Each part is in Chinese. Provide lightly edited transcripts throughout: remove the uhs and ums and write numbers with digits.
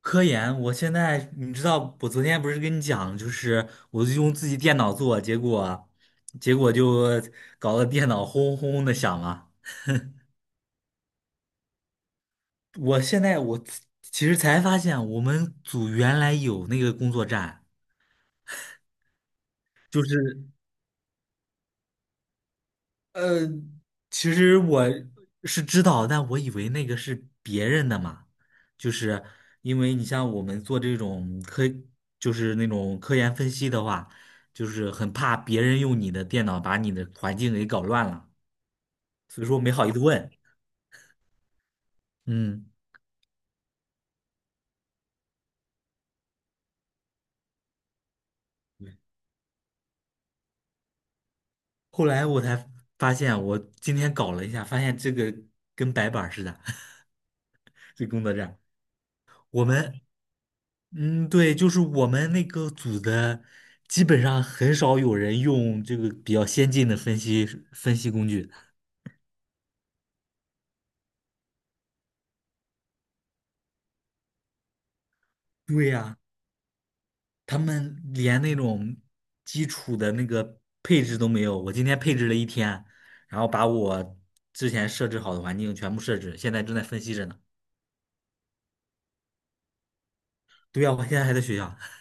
科研，我现在你知道，我昨天不是跟你讲，就是我就用自己电脑做，结果就搞得电脑轰轰轰的响嘛。我现在我其实才发现，我们组原来有那个工作站，就是。呃，其实我是知道，但我以为那个是别人的嘛，就是因为你像我们做这种科，就是那种科研分析的话，就是很怕别人用你的电脑把你的环境给搞乱了，所以说没好意思问。嗯，后来我才发现，我今天搞了一下，发现这个跟白板儿似的，这工作站，我们嗯，对，就是我们那个组的，基本上很少有人用这个比较先进的分析工具。对呀，他们连那种基础的那个配置都没有。我今天配置了一天，然后把我之前设置好的环境全部设置，现在正在分析着呢。对呀，我现在还在学校。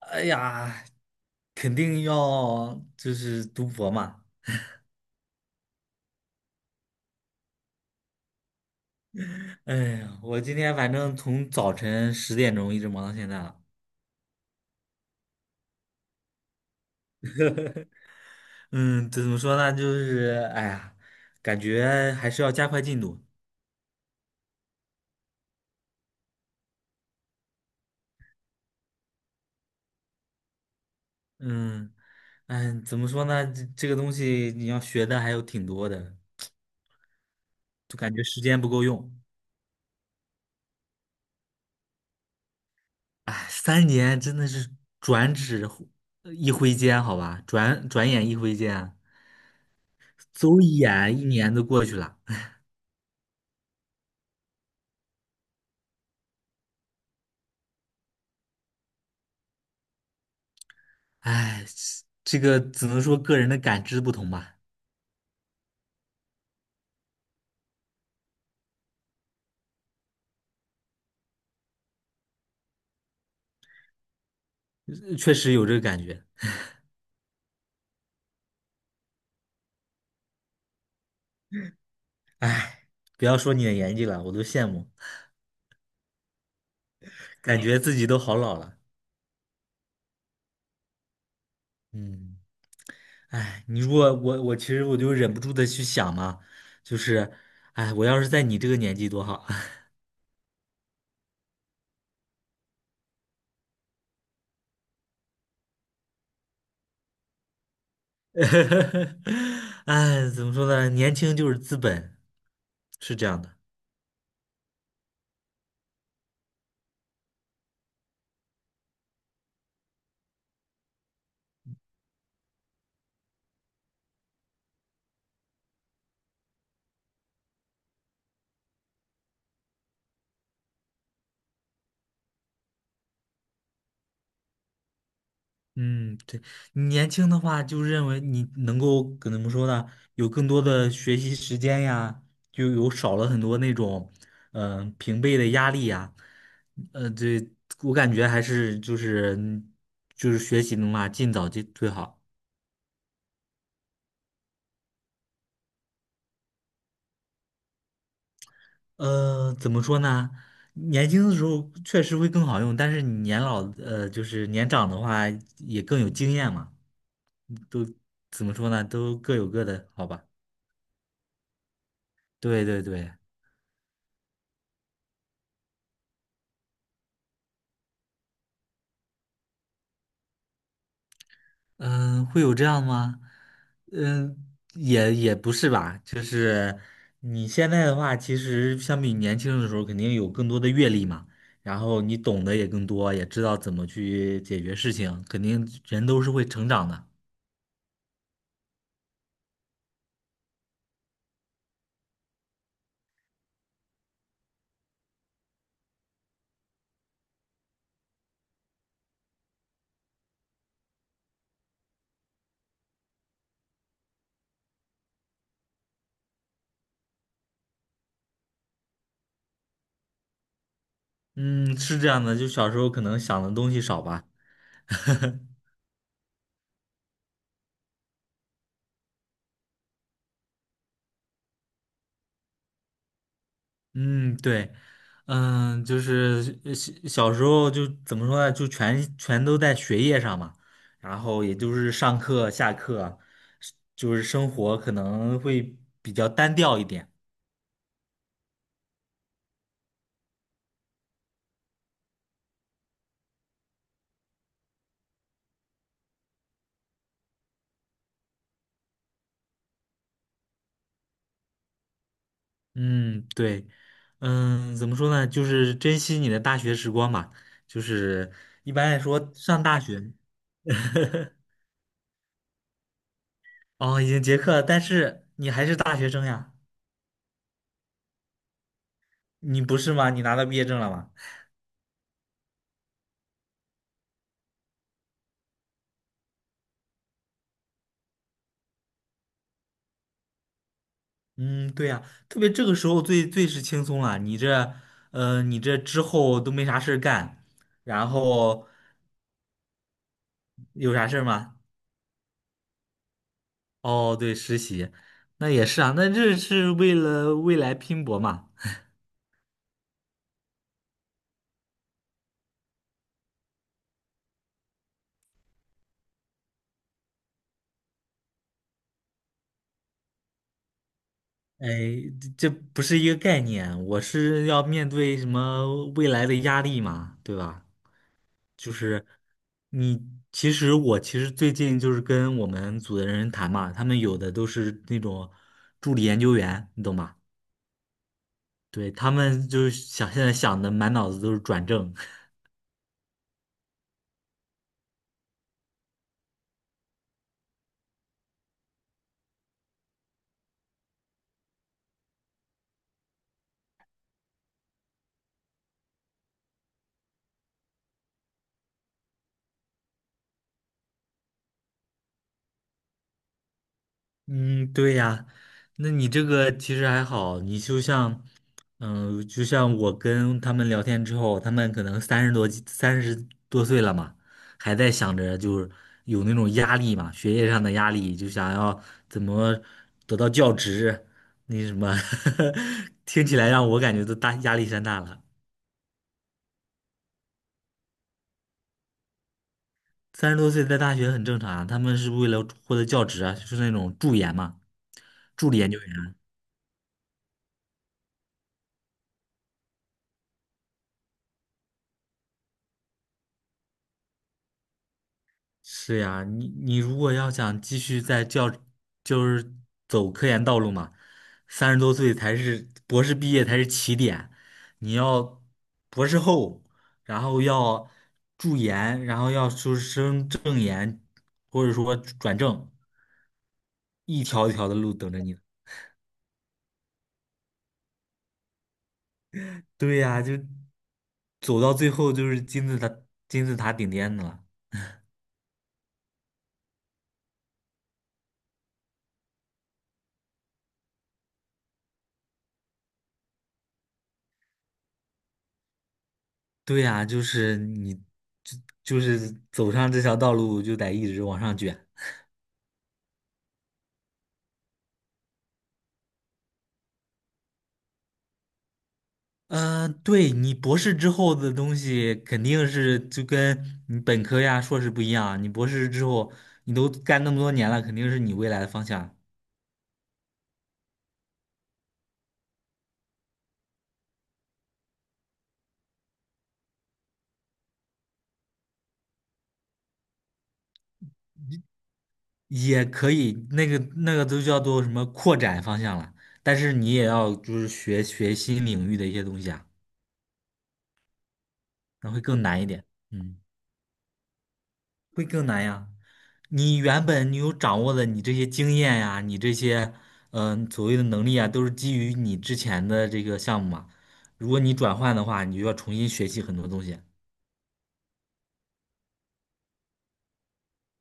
哎呀，肯定要就是读博嘛。哎呀，我今天反正从早晨10点钟一直忙到现在了。嗯，怎么说呢？哎呀，感觉还是要加快进度。嗯，哎，怎么说呢？这个东西你要学的还有挺多的，就感觉时间不够用。哎，3年真的是转指忽一挥间，好吧，转眼一挥间啊，走一眼1年都过去了。哎，这个只能说个人的感知不同吧，确实有这个感觉。哎，不要说你的年纪了，我都羡慕，感觉自己都好老了。嗯。哎，你如果我我其实我就忍不住的去想嘛，就是，哎，我要是在你这个年纪多好。哎，怎么说呢？年轻就是资本，是这样的。嗯，对，你年轻的话，就认为你能够跟怎么说呢？有更多的学习时间呀，就有少了很多那种，嗯、平辈的压力呀。呃，对，我感觉还是就是嗯就是学习的话，尽早就最好。呃，怎么说呢？年轻的时候确实会更好用，但是你年老，呃，就是年长的话也更有经验嘛。怎么说呢？都各有各的好吧？对对对，嗯、会有这样吗？嗯、也不是吧，就是你现在的话，其实相比年轻的时候，肯定有更多的阅历嘛，然后你懂得也更多，也知道怎么去解决事情，肯定人都是会成长的。嗯，是这样的，就小时候可能想的东西少吧。嗯，对，嗯，就是小时候就怎么说呢，就全都在学业上嘛，然后也就是上课、下课，就是生活可能会比较单调一点。嗯，对，嗯，怎么说呢，就是珍惜你的大学时光嘛，就是一般来说上大学，哦，已经结课了，但是你还是大学生呀，你不是吗？你拿到毕业证了吗？嗯，对呀，特别这个时候最是轻松了。你这，呃，你这之后都没啥事儿干，然后有啥事儿吗？哦，对，实习，那也是啊，那这是为了未来拼搏嘛。哎，这不是一个概念，我是要面对什么未来的压力嘛，对吧？就是你，其实最近就是跟我们组的人谈嘛，他们有的都是那种助理研究员，你懂吧？对，他们就是想现在想的满脑子都是转正。嗯，对呀，那你这个其实还好，你就像，嗯、就像我跟他们聊天之后，他们可能30多、30多岁了嘛，还在想着就是有那种压力嘛，学业上的压力，就想要怎么得到教职，那什么，听起来让我感觉都大压力山大了。三十多岁在大学很正常啊，他们是为了获得教职啊，就是那种助研嘛，助理研究员。是呀，你如果要想继续在教，就是走科研道路嘛，三十多岁才是博士毕业才是起点，你要博士后，然后要助研，然后要出升正研，或者说转正，一条一条的路等着你。对呀，就走到最后就是金字塔顶点的了。对呀，就是你，就就是走上这条道路就得一直往上卷。嗯，对你博士之后的东西肯定是就跟你本科呀、硕士不一样。你博士之后，你都干那么多年了，肯定是你未来的方向，也可以那个都叫做什么扩展方向了。但是你也要就是学学新领域的一些东西啊，那会更难一点。嗯。会更难呀。你原本你有掌握的，你这些经验呀，你这些嗯、呃所谓的能力啊，都是基于你之前的这个项目嘛。如果你转换的话，你就要重新学习很多东西。